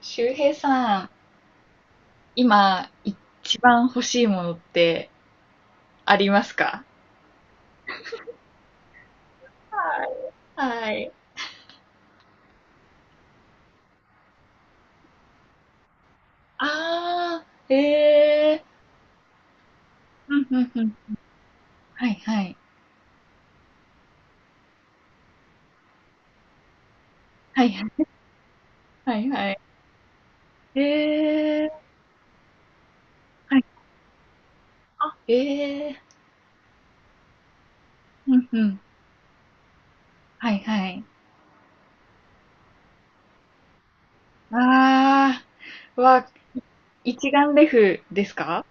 周平さん、今、一番欲しいものってありますか？はい。はい。ああ、ええ、うんうんうん。はいはい。はいはい。はいはい。えー、はい。あ、うんうん。はいはい。ああ、は、一眼レフですか？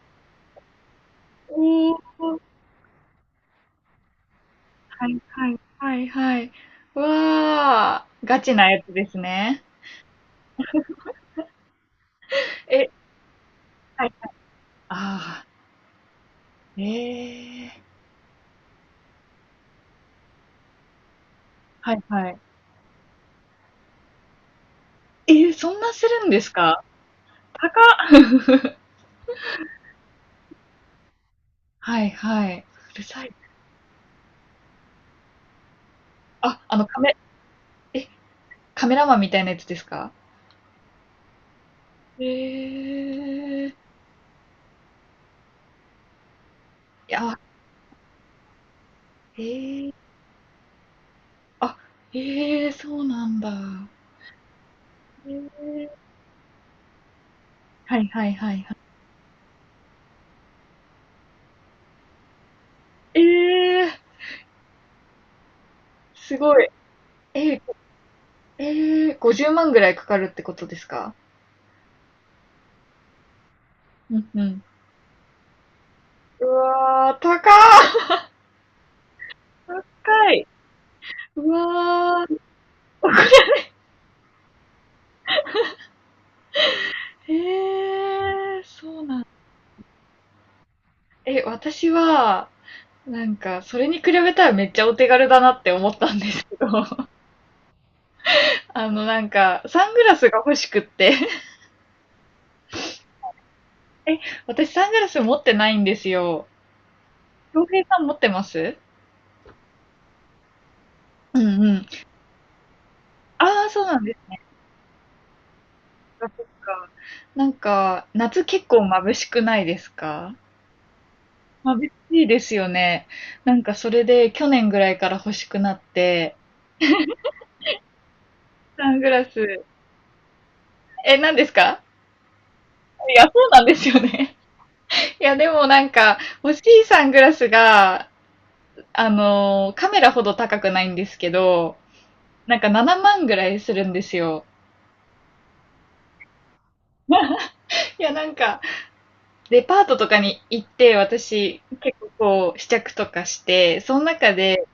おー、はいはいはいはい。わあ、ガチなやつですね。え、はいはい。ああ。ええ、はいはい。ええ、そんなするんですか？高っ。はいはい。うるさい。あ、え、カメラマンみたいなやつですか？ええ。いや、ええ、あ、ええ、そうなんだ。ええ、はいはいはいはい。ええ、すごい。ええ、ええ、50万ぐらいかかるってことですか？うんうん。うわ、高っ。高い。うわ。ーへえ、そうなん。え、私は、なんか、それに比べたらめっちゃお手軽だなって思ったんですけど、なんか、サングラスが欲しくって。え、私サングラス持ってないんですよ。恭平さん持ってます？うんうん。ああ、そうなんですか。そっか。なんか、夏結構眩しくないですか？眩しいですよね。なんか、それで去年ぐらいから欲しくなって、サングラス、え、何ですか？いや、そうなんですよね。いや、でもなんか、欲しいサングラスが、カメラほど高くないんですけど、なんか7万ぐらいするんですよ。いや、なんか、デパートとかに行って、私、結構こう、試着とかして、その中で、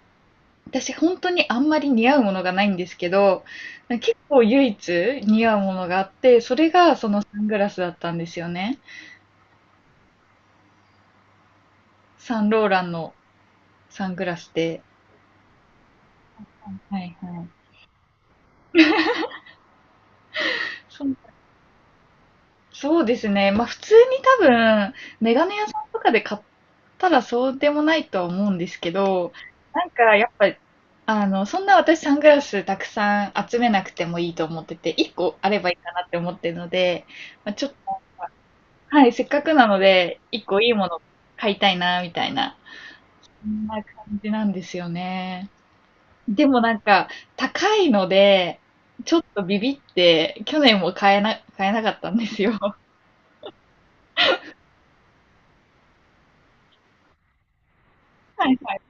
私本当にあんまり似合うものがないんですけど、結構唯一似合うものがあって、それがそのサングラスだったんですよね。サンローランのサングラスで。はいはい。そう、そうですね。まあ普通に多分、メガネ屋さんとかで買ったらそうでもないとは思うんですけど、なんかやっぱ、そんな私サングラスたくさん集めなくてもいいと思ってて、1個あればいいかなって思ってるので、まあ、ちょっと、はい、せっかくなので、1個いいもの買いたいな、みたいな、そんな感じなんですよね。でもなんか、高いので、ちょっとビビって、去年も買えなかったんですよ。はいはい。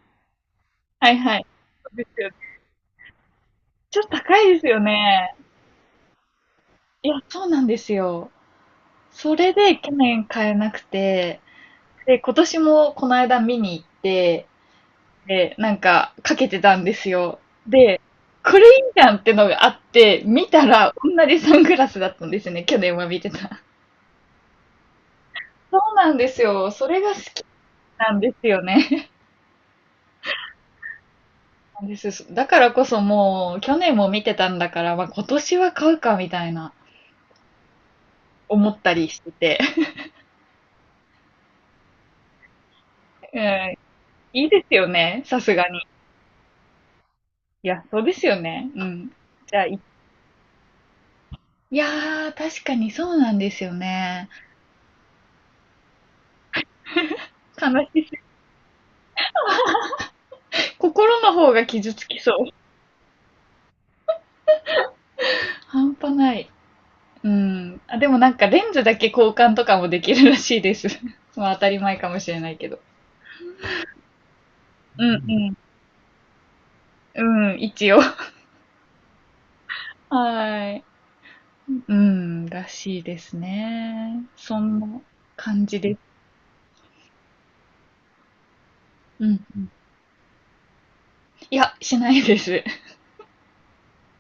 はいはい。そうですよね。ちょっと高いですよね。いや、そうなんですよ。それで去年買えなくて、で、今年もこの間見に行って、で、なんかかけてたんですよ。で、これいいじゃんってのがあって、見たら同じサングラスだったんですね。去年は見てた。そうなんですよ。それが好きなんですよね。です。だからこそもう、去年も見てたんだから、まあ、今年は買うかみたいな思ったりしてて。うん、いいですよね。さすがに。いや、そうですよね。うん。じゃあ、いやー、確かにそうなんですよね。悲しす心の方が傷つきそう。半端ない。うん。あ、でもなんかレンズだけ交換とかもできるらしいです。まあ当たり前かもしれないけど。うんうん。うん、一応。はい。うん、らしいですね。そんな感じです。うんうん。いや、しないです。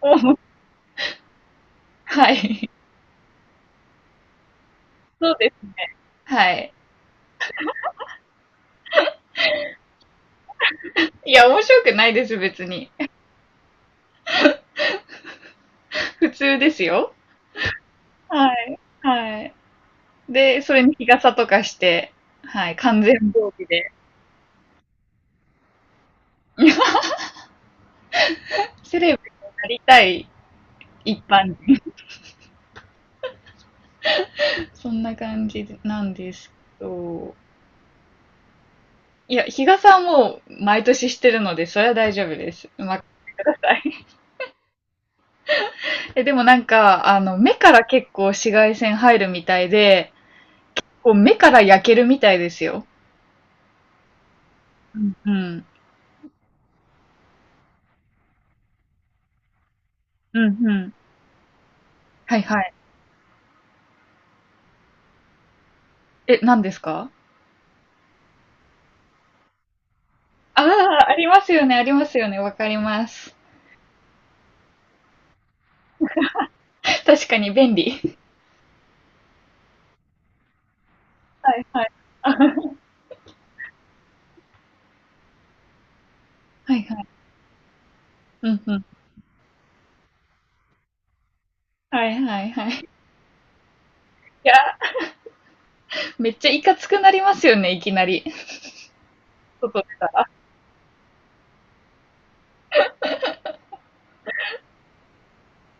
もう、はい。そうですね。はい。いや、面白くないです、別に。普通ですよ。はい。はい。で、それに日傘とかして、はい、完全防備で、セレブになりたい一般人。そんな感じなんですけど、いや、日傘はもう毎年してるので、それは大丈夫です。うまくしてください。え、でもなんか、目から結構紫外線入るみたいで、こう、目から焼けるみたいですよ。うん。うん、うん。うん、はい、はい。え、何ですか？ああ、ありますよね、ありますよね、わかります。確かに便利。はいはい。あ、はいはい。うんうん。はいはいはい。いや、めっちゃいかつくなりますよね、いきなり。外出たら。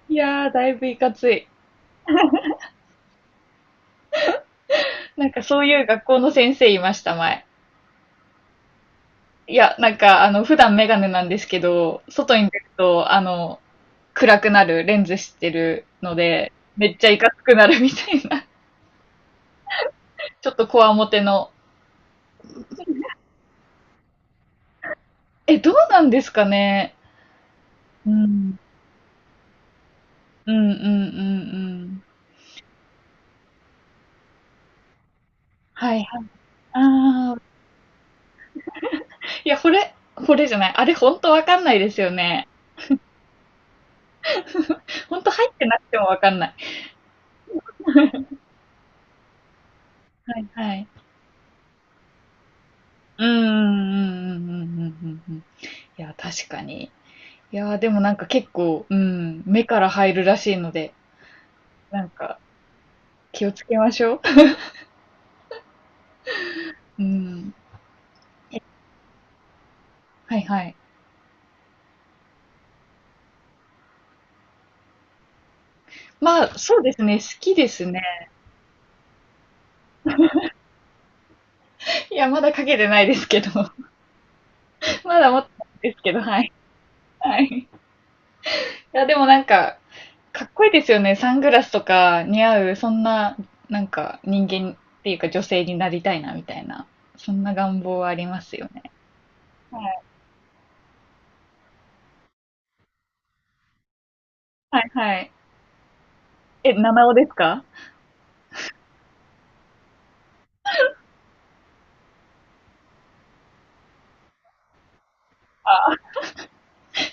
いやー、だいぶいかつい。なんかそういう学校の先生いました、前。いや、なんか、普段メガネなんですけど、外に出ると、暗くなる、レンズしてるので、めっちゃいかつくなるみたいな。ちょっとこわもての。え、どうなんですかね。うん。うんうんうんうん。はいはい。ああ。いや、これじゃない。あれほんとわかんないですよね。ほんと入ってなくてもわかんない。はいはい。うんうんうんうんうんうんうんうん。いや、確かに。いや、でもなんか結構、うん、目から入るらしいので、なんか気をつけましょう。うん。はいはい。まあ、そうですね、好きですね。いや、まだかけてないですけど。まだ持ってないですけど、はい。はい。いや、でもなんか、かっこいいですよね。サングラスとか似合う、そんな、なんか人間っていうか女性になりたいな、みたいな。そんな願望はありますよね。はいはい。はい。え、七尾ですか？あ、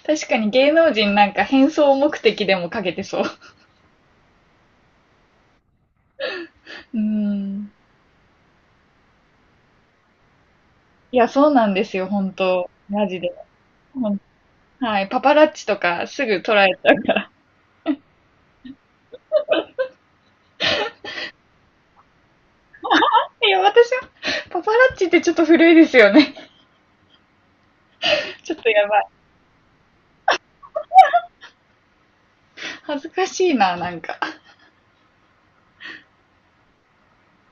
確かに芸能人なんか変装目的でもかけてそう。うーん。いや、そうなんですよ、本当。マジで。ほんはい。パパラッチとかすぐ捉えちゃうから。いや、私は、パパラッチってちょっと古いですよね。ちょっとやばい。恥ずかしいな、なんか。